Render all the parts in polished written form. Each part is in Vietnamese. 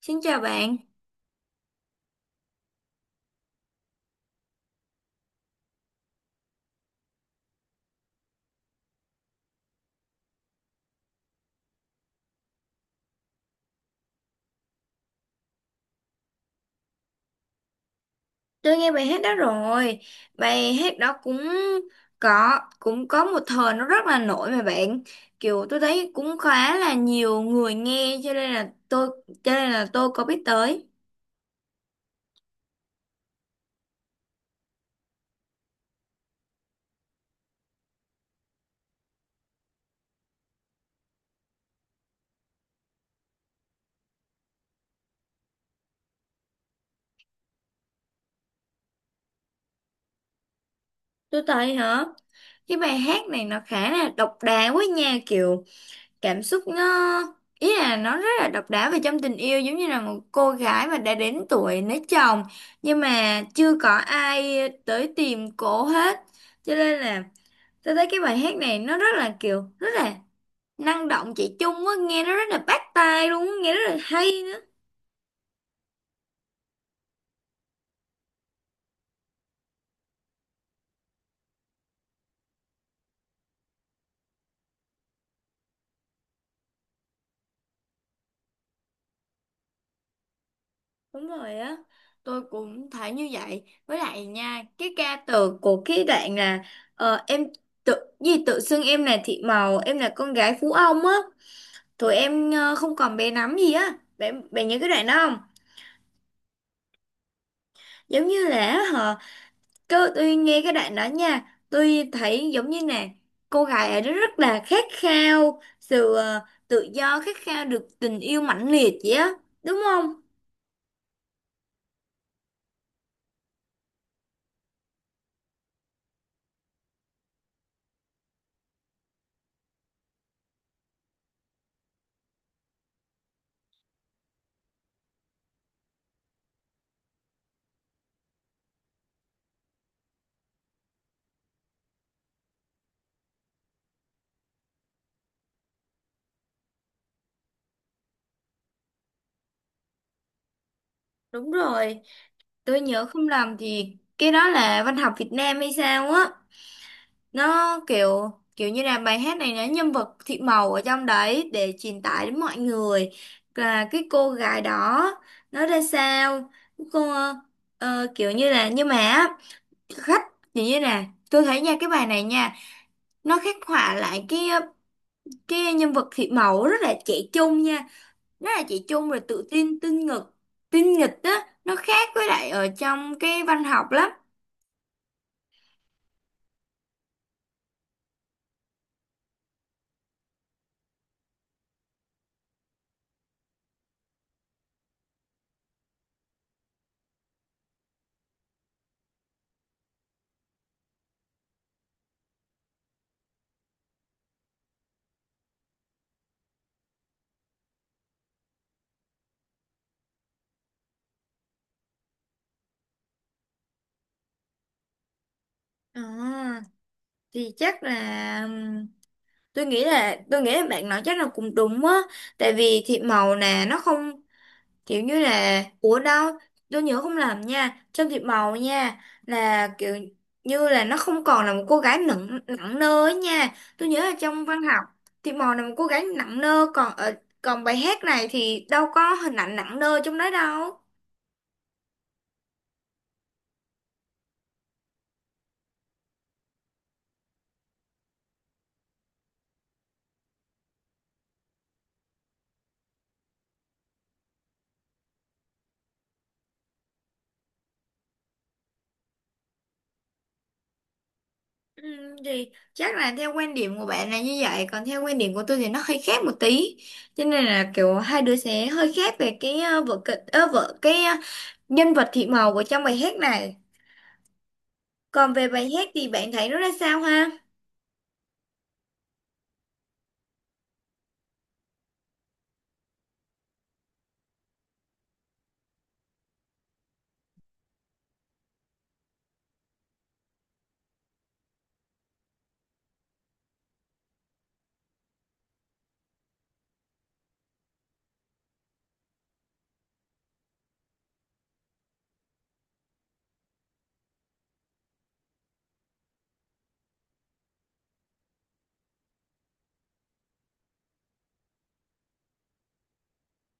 Xin chào bạn, tôi nghe bài hát đó rồi. Bài hát đó cũng cũng có một thời nó rất là nổi mà bạn. Kiểu tôi thấy cũng khá là nhiều người nghe cho nên là tôi có biết tới. Tôi thấy hả? Cái bài hát này nó khá là độc đáo quá nha, kiểu cảm xúc nó ý là nó rất là độc đáo về trong tình yêu, giống như là một cô gái mà đã đến tuổi lấy chồng nhưng mà chưa có ai tới tìm cổ hết. Cho nên là tôi thấy cái bài hát này nó rất là kiểu rất là năng động, chị Chung á, nghe nó rất là bắt tai luôn á, nghe rất là hay nữa. Đúng rồi á. Tôi cũng thấy như vậy. Với lại nha, cái ca từ của cái đoạn là em tự gì tự xưng em là Thị Màu, em là con gái Phú Ông á. Tụi em không còn bé nắm gì á. Bạn bạn nhớ cái đoạn đó không? Giống như là hả? Cứ tôi nghe cái đoạn đó nha, tôi thấy giống như nè, cô gái ấy rất là khát khao sự tự do, khát khao được tình yêu mãnh liệt vậy á. Đúng không? Đúng rồi. Tôi nhớ không lầm thì cái đó là văn học Việt Nam hay sao á. Nó kiểu kiểu như là bài hát này nó nhân vật Thị Màu ở trong đấy để truyền tải đến mọi người là cái cô gái đó nó ra sao. Cô kiểu như là nhưng mà á, khách, tự nhiên nè tôi thấy nha, cái bài này nha nó khắc họa lại cái nhân vật Thị Mẫu rất là trẻ trung nha, rất là trẻ trung rồi tự tin tinh nghịch, tinh nghịch á, nó khác với lại ở trong cái văn học lắm. Ờ, thì chắc là tôi nghĩ là bạn nói chắc là cũng đúng á, tại vì Thị Mẫu nè nó không kiểu như là ủa đâu, tôi nhớ không lầm nha, trong Thị Màu nha là kiểu như là nó không còn là một cô gái nặng nặng nơ ấy nha. Tôi nhớ là trong văn học, Thị Màu là một cô gái nặng nơ, còn ở còn bài hát này thì đâu có hình ảnh nặng nơ trong đó đâu. Ừ, thì chắc là theo quan điểm của bạn là như vậy, còn theo quan điểm của tôi thì nó hơi khác một tí, cho nên là kiểu hai đứa sẽ hơi khác về cái vở kịch vở cái nhân vật Thị Màu của trong bài hát này. Còn về bài hát thì bạn thấy nó ra sao ha?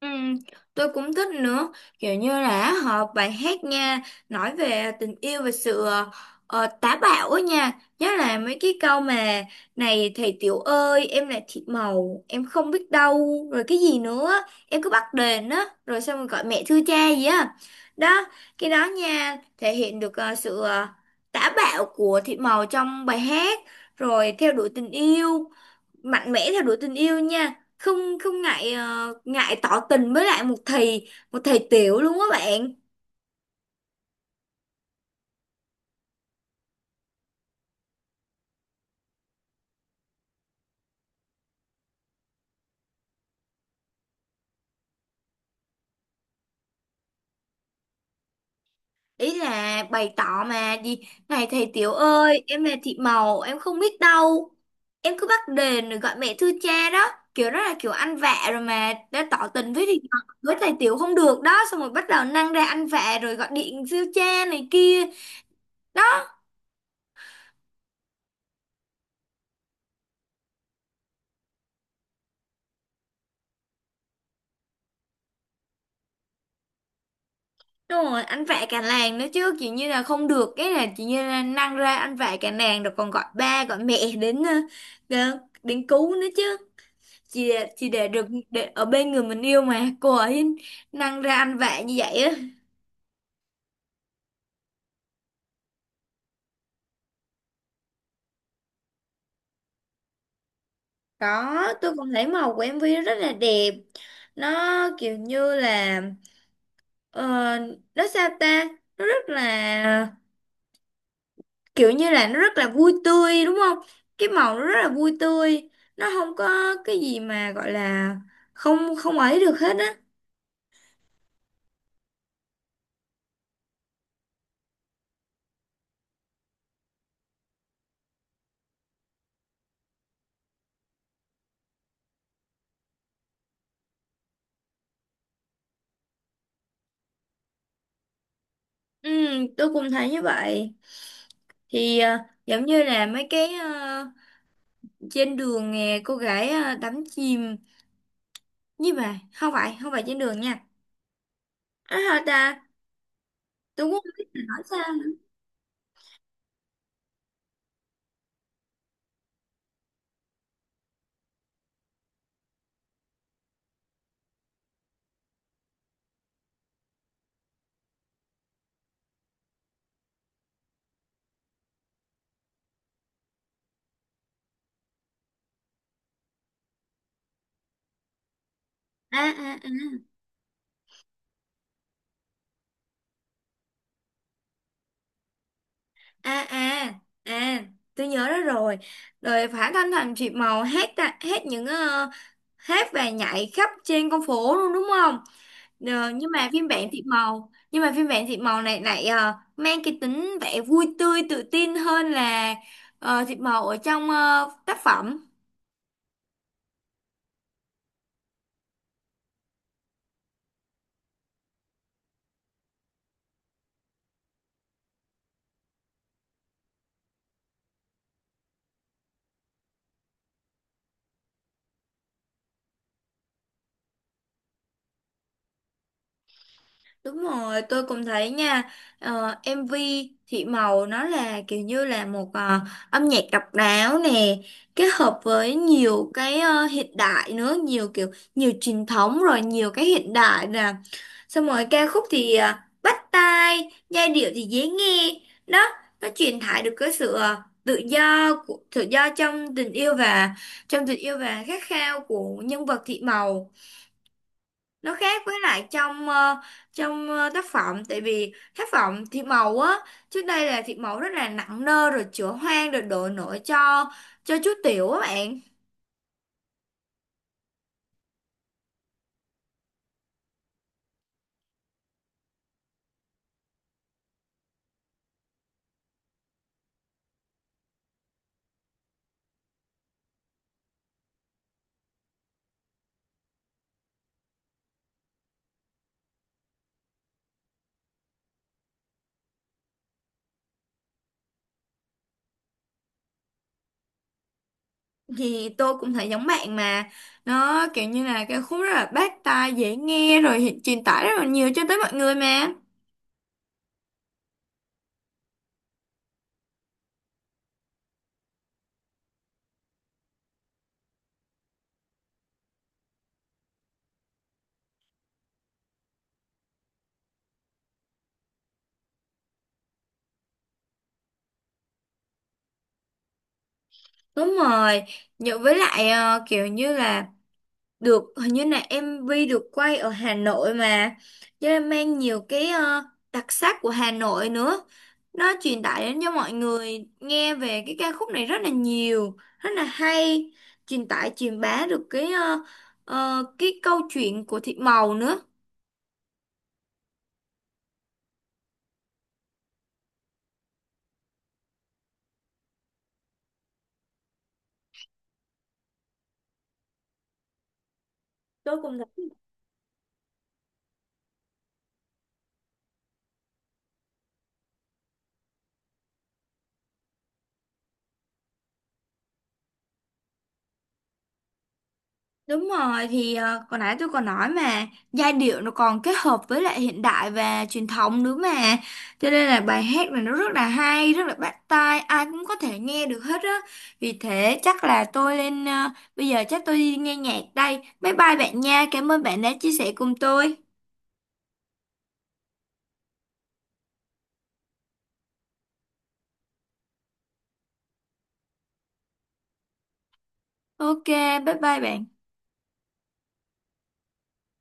Ừ, tôi cũng thích nữa, kiểu như là họ bài hát nha, nói về tình yêu và sự táo bạo á nha, nhất là mấy cái câu mà này thầy tiểu ơi em là thịt màu em không biết đâu rồi cái gì nữa, em cứ bắt đền á rồi xong rồi gọi mẹ thưa cha gì á. Đó, cái đó nha thể hiện được sự táo bạo của thịt màu trong bài hát, rồi theo đuổi tình yêu mạnh mẽ, theo đuổi tình yêu nha, không không ngại ngại tỏ tình với lại một thầy tiểu luôn á bạn. Ý là bày tỏ mà gì, này thầy tiểu ơi em là Thị Màu em không biết đâu, em cứ bắt đền rồi gọi mẹ thưa cha đó, kiểu đó là kiểu ăn vạ rồi mà đã tỏ tình với thì với thầy tiểu không được đó, xong rồi bắt đầu năng ra ăn vạ rồi gọi điện siêu cha này kia đó. Đúng rồi, anh vạ cả làng nữa chứ. Kiểu như là không được, cái là kiểu như là năng ra anh vạ cả làng, rồi còn gọi ba, gọi mẹ đến đến cứu nữa chứ. Chỉ để được để ở bên người mình yêu mà, cô ấy năng ra anh vạ như vậy á. Có, tôi cũng thấy màu của em MV rất là đẹp. Nó kiểu như là ờ, nó sao ta, nó rất là kiểu như là nó rất là vui tươi đúng không, cái màu nó rất là vui tươi, nó không có cái gì mà gọi là không không ấy được hết á. Ừ, tôi cũng thấy như vậy, thì giống như là mấy cái trên đường nè cô gái đắm chìm nhưng mà không phải trên đường nha, à, hả ta, tôi cũng không biết là nói sao nữa. À à à à à à à, tôi nhớ đó rồi, rồi Phả Thanh Thành Triệp Màu hát ta, hát những hát và nhảy khắp trên con phố luôn đúng không. Ờ, nhưng mà phiên bản Thị Màu, nhưng mà phiên bản Thị Màu này lại mang cái tính vẻ vui tươi tự tin hơn là Thị Màu ở trong tác phẩm. Đúng rồi, tôi cũng thấy nha, MV Thị Màu nó là kiểu như là một âm nhạc độc đáo nè, kết hợp với nhiều cái hiện đại nữa, nhiều kiểu, nhiều truyền thống rồi nhiều cái hiện đại nè. Xong rồi ca khúc thì bắt tai, giai điệu thì dễ nghe. Đó, nó truyền tải được cái sự tự do của tự do trong tình yêu và khát khao của nhân vật Thị Màu, nó khác với lại trong tác phẩm, tại vì tác phẩm Thiệp Màu á trước đây là Thiệp Màu rất là nặng nơ rồi chữa hoang rồi đổ nổi cho chú Tiểu á bạn. Thì tôi cũng thấy giống bạn mà, nó kiểu như là cái khúc rất là bắt tai dễ nghe rồi truyền tải rất là nhiều cho tới mọi người mà. Đúng rồi, nhờ với lại kiểu như là được hình như là MV được quay ở Hà Nội mà, cho nên mang nhiều cái đặc sắc của Hà Nội nữa, nó truyền tải đến cho mọi người nghe về cái ca khúc này rất là nhiều rất là hay, truyền tải truyền bá được cái cái câu chuyện của Thị Màu nữa. Tôi cũng thấy. Đúng rồi, thì hồi nãy tôi còn nói mà, giai điệu nó còn kết hợp với lại hiện đại và truyền thống nữa mà, cho nên là bài hát này nó rất là hay rất là bắt tai, ai cũng có thể nghe được hết á. Vì thế chắc là tôi lên bây giờ chắc tôi đi nghe nhạc đây, bye bye bạn nha, cảm ơn bạn đã chia sẻ cùng tôi. Ok, bye bye bạn.